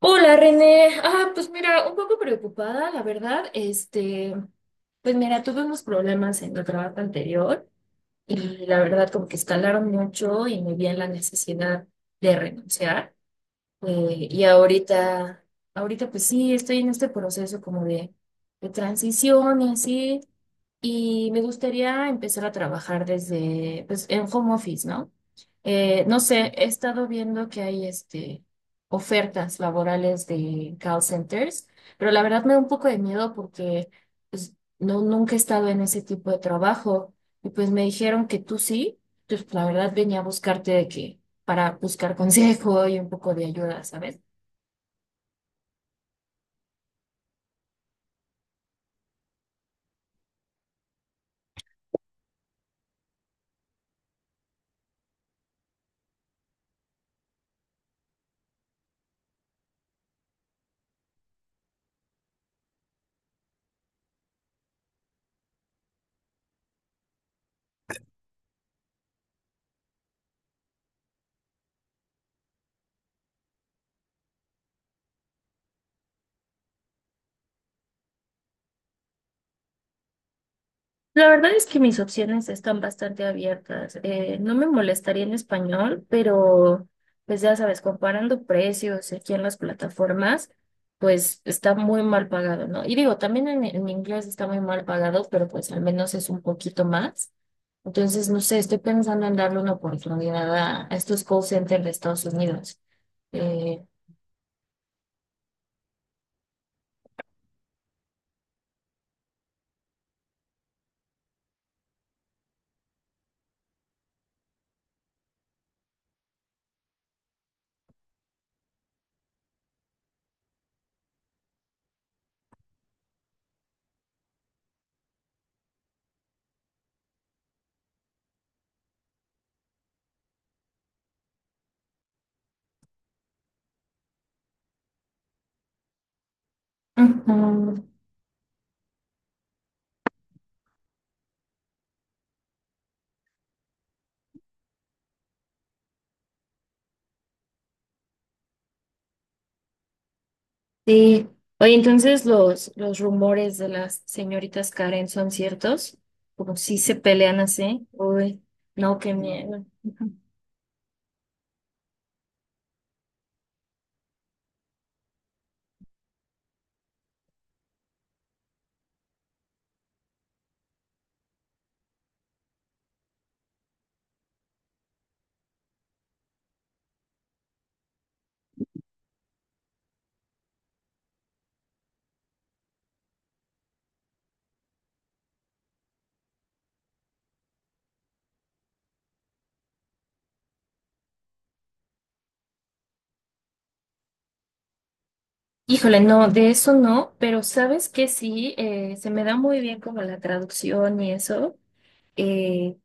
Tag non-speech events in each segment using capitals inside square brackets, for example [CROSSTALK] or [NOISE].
Hola René, pues mira, un poco preocupada, la verdad. Pues mira, tuve unos problemas en el trabajo anterior y la verdad como que escalaron mucho y me vi en la necesidad de renunciar. Eh, y ahorita, Ahorita pues sí, estoy en este proceso como de transición y así. Y me gustaría empezar a trabajar desde, pues, en home office, ¿no? No sé, he estado viendo que hay ofertas laborales de call centers, pero la verdad me da un poco de miedo porque, pues, no, nunca he estado en ese tipo de trabajo y pues me dijeron que tú sí. Entonces pues, la verdad venía a buscarte de que para buscar [LAUGHS] consejo y un poco de ayuda, ¿sabes? La verdad es que mis opciones están bastante abiertas. No me molestaría en español, pero pues ya sabes, comparando precios aquí en las plataformas, pues está muy mal pagado, ¿no? Y digo, también en inglés está muy mal pagado, pero pues al menos es un poquito más. Entonces, no sé, estoy pensando en darle una oportunidad a estos call centers de Estados Unidos. Eh, ujú. Sí. Oye, entonces los rumores de las señoritas Karen son ciertos, como si se pelean así. Uy, no, qué miedo. Híjole, no, de eso no, pero sabes que sí, se me da muy bien como la traducción y eso. Eh,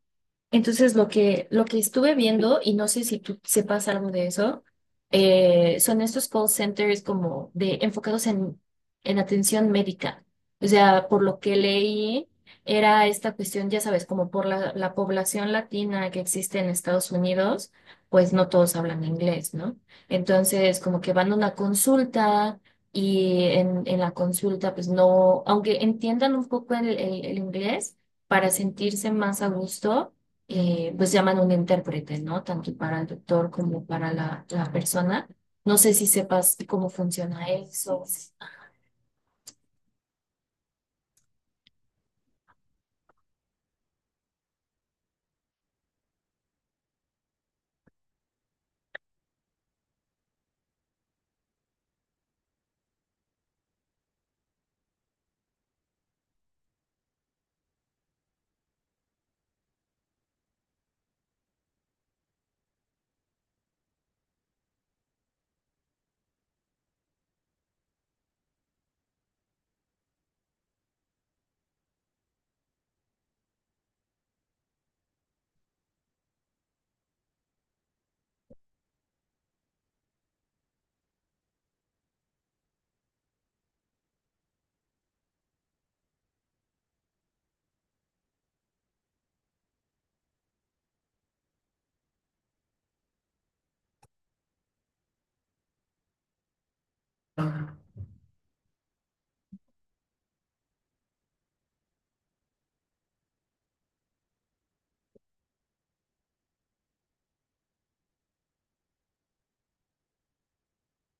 Entonces, lo que estuve viendo, y no sé si tú sepas algo de eso, son estos call centers como de enfocados en atención médica. O sea, por lo que leí, era esta cuestión, ya sabes, como por la población latina que existe en Estados Unidos, pues no todos hablan inglés, ¿no? Entonces, como que van a una consulta y en la consulta, pues no, aunque entiendan un poco el inglés, para sentirse más a gusto, pues llaman un intérprete, ¿no? Tanto para el doctor como para la persona. No sé si sepas cómo funciona eso.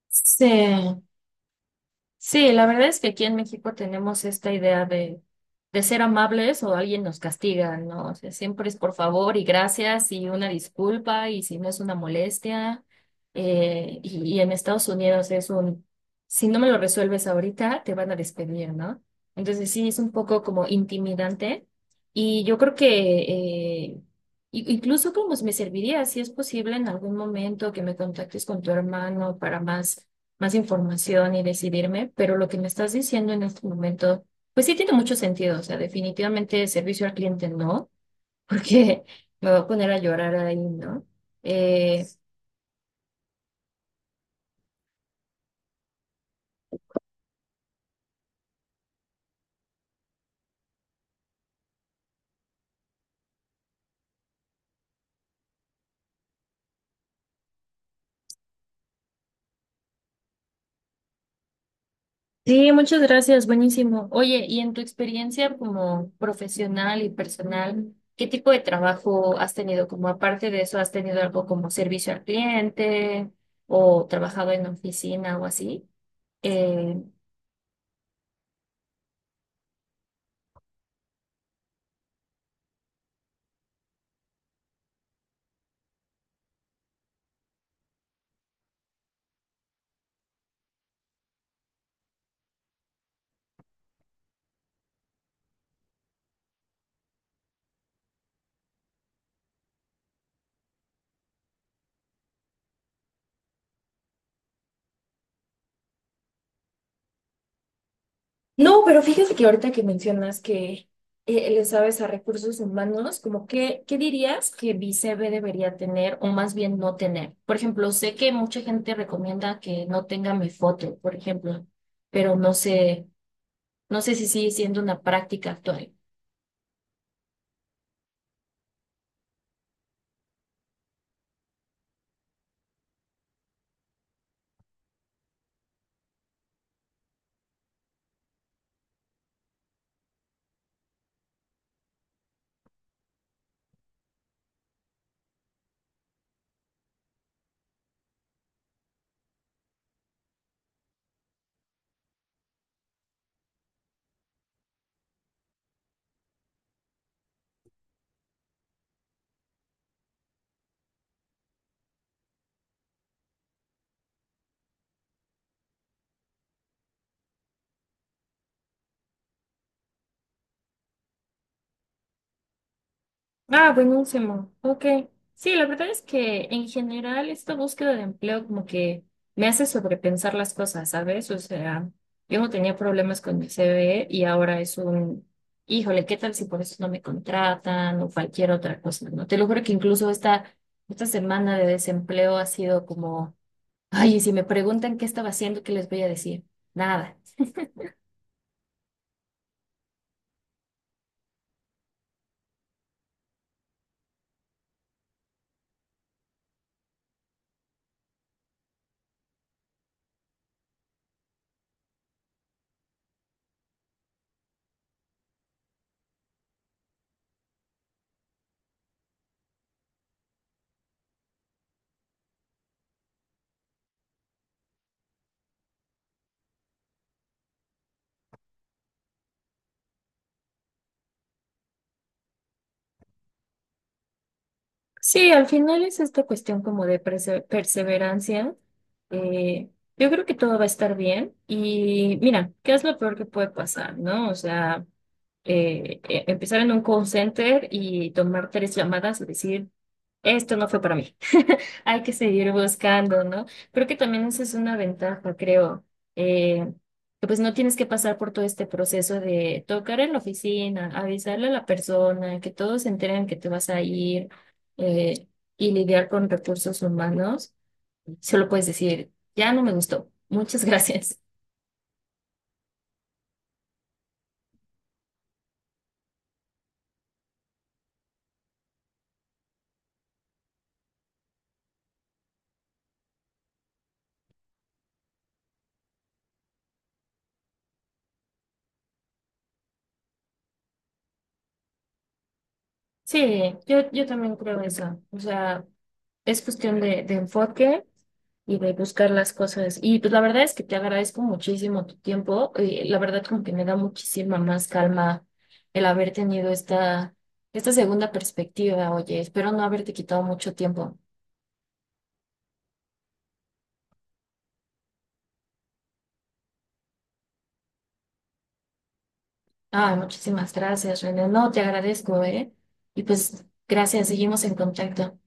Sí. Sí, la verdad es que aquí en México tenemos esta idea de ser amables o alguien nos castiga, ¿no? O sea, siempre es por favor y gracias y una disculpa y si no es una molestia. Y en Estados Unidos es un, si no me lo resuelves ahorita, te van a despedir, ¿no? Entonces sí, es un poco como intimidante, y yo creo que, eh, incluso como me serviría, si es posible en algún momento, que me contactes con tu hermano para más información y decidirme. Pero lo que me estás diciendo en este momento pues sí tiene mucho sentido. O sea, definitivamente servicio al cliente no, [LAUGHS] porque me voy a poner a llorar ahí, ¿no? Eh, sí, muchas gracias, buenísimo. Oye, y en tu experiencia como profesional y personal, ¿qué tipo de trabajo has tenido? Como aparte de eso, ¿has tenido algo como servicio al cliente o trabajado en oficina o así? Eh, No, pero fíjate que ahorita que mencionas que, le sabes a recursos humanos, como que, ¿qué dirías que Bicebe debería tener o más bien no tener? Por ejemplo, sé que mucha gente recomienda que no tenga mi foto, por ejemplo, pero no sé, no sé si sigue siendo una práctica actual. Ah, buenísimo. Ok. Sí, la verdad es que en general esta búsqueda de empleo como que me hace sobrepensar las cosas, ¿sabes? O sea, yo no tenía problemas con mi CV y ahora es un, híjole, ¿qué tal si por eso no me contratan o cualquier otra cosa, ¿no? Te lo juro que incluso esta semana de desempleo ha sido como, ay, y si me preguntan qué estaba haciendo, ¿qué les voy a decir? Nada. Sí, al final es esta cuestión como de perseverancia. Eh, yo creo que todo va a estar bien y mira, ¿qué es lo peor que puede pasar, no? O sea, empezar en un call center y tomar tres llamadas y decir, esto no fue para mí. [LAUGHS] Hay que seguir buscando, ¿no? Creo que también esa es una ventaja, creo. Eh, que pues no tienes que pasar por todo este proceso de tocar en la oficina, avisarle a la persona, que todos se enteren que te vas a ir, eh, y lidiar con recursos humanos. Solo puedes decir, ya no me gustó. Muchas [LAUGHS] gracias. Sí, yo también creo eso. O sea, es cuestión de enfoque y de buscar las cosas. Y pues la verdad es que te agradezco muchísimo tu tiempo. Y la verdad como que me da muchísima más calma el haber tenido esta segunda perspectiva. Oye, espero no haberte quitado mucho tiempo. Ah, muchísimas gracias, René. No, te agradezco, ¿eh? Y pues gracias, seguimos en contacto.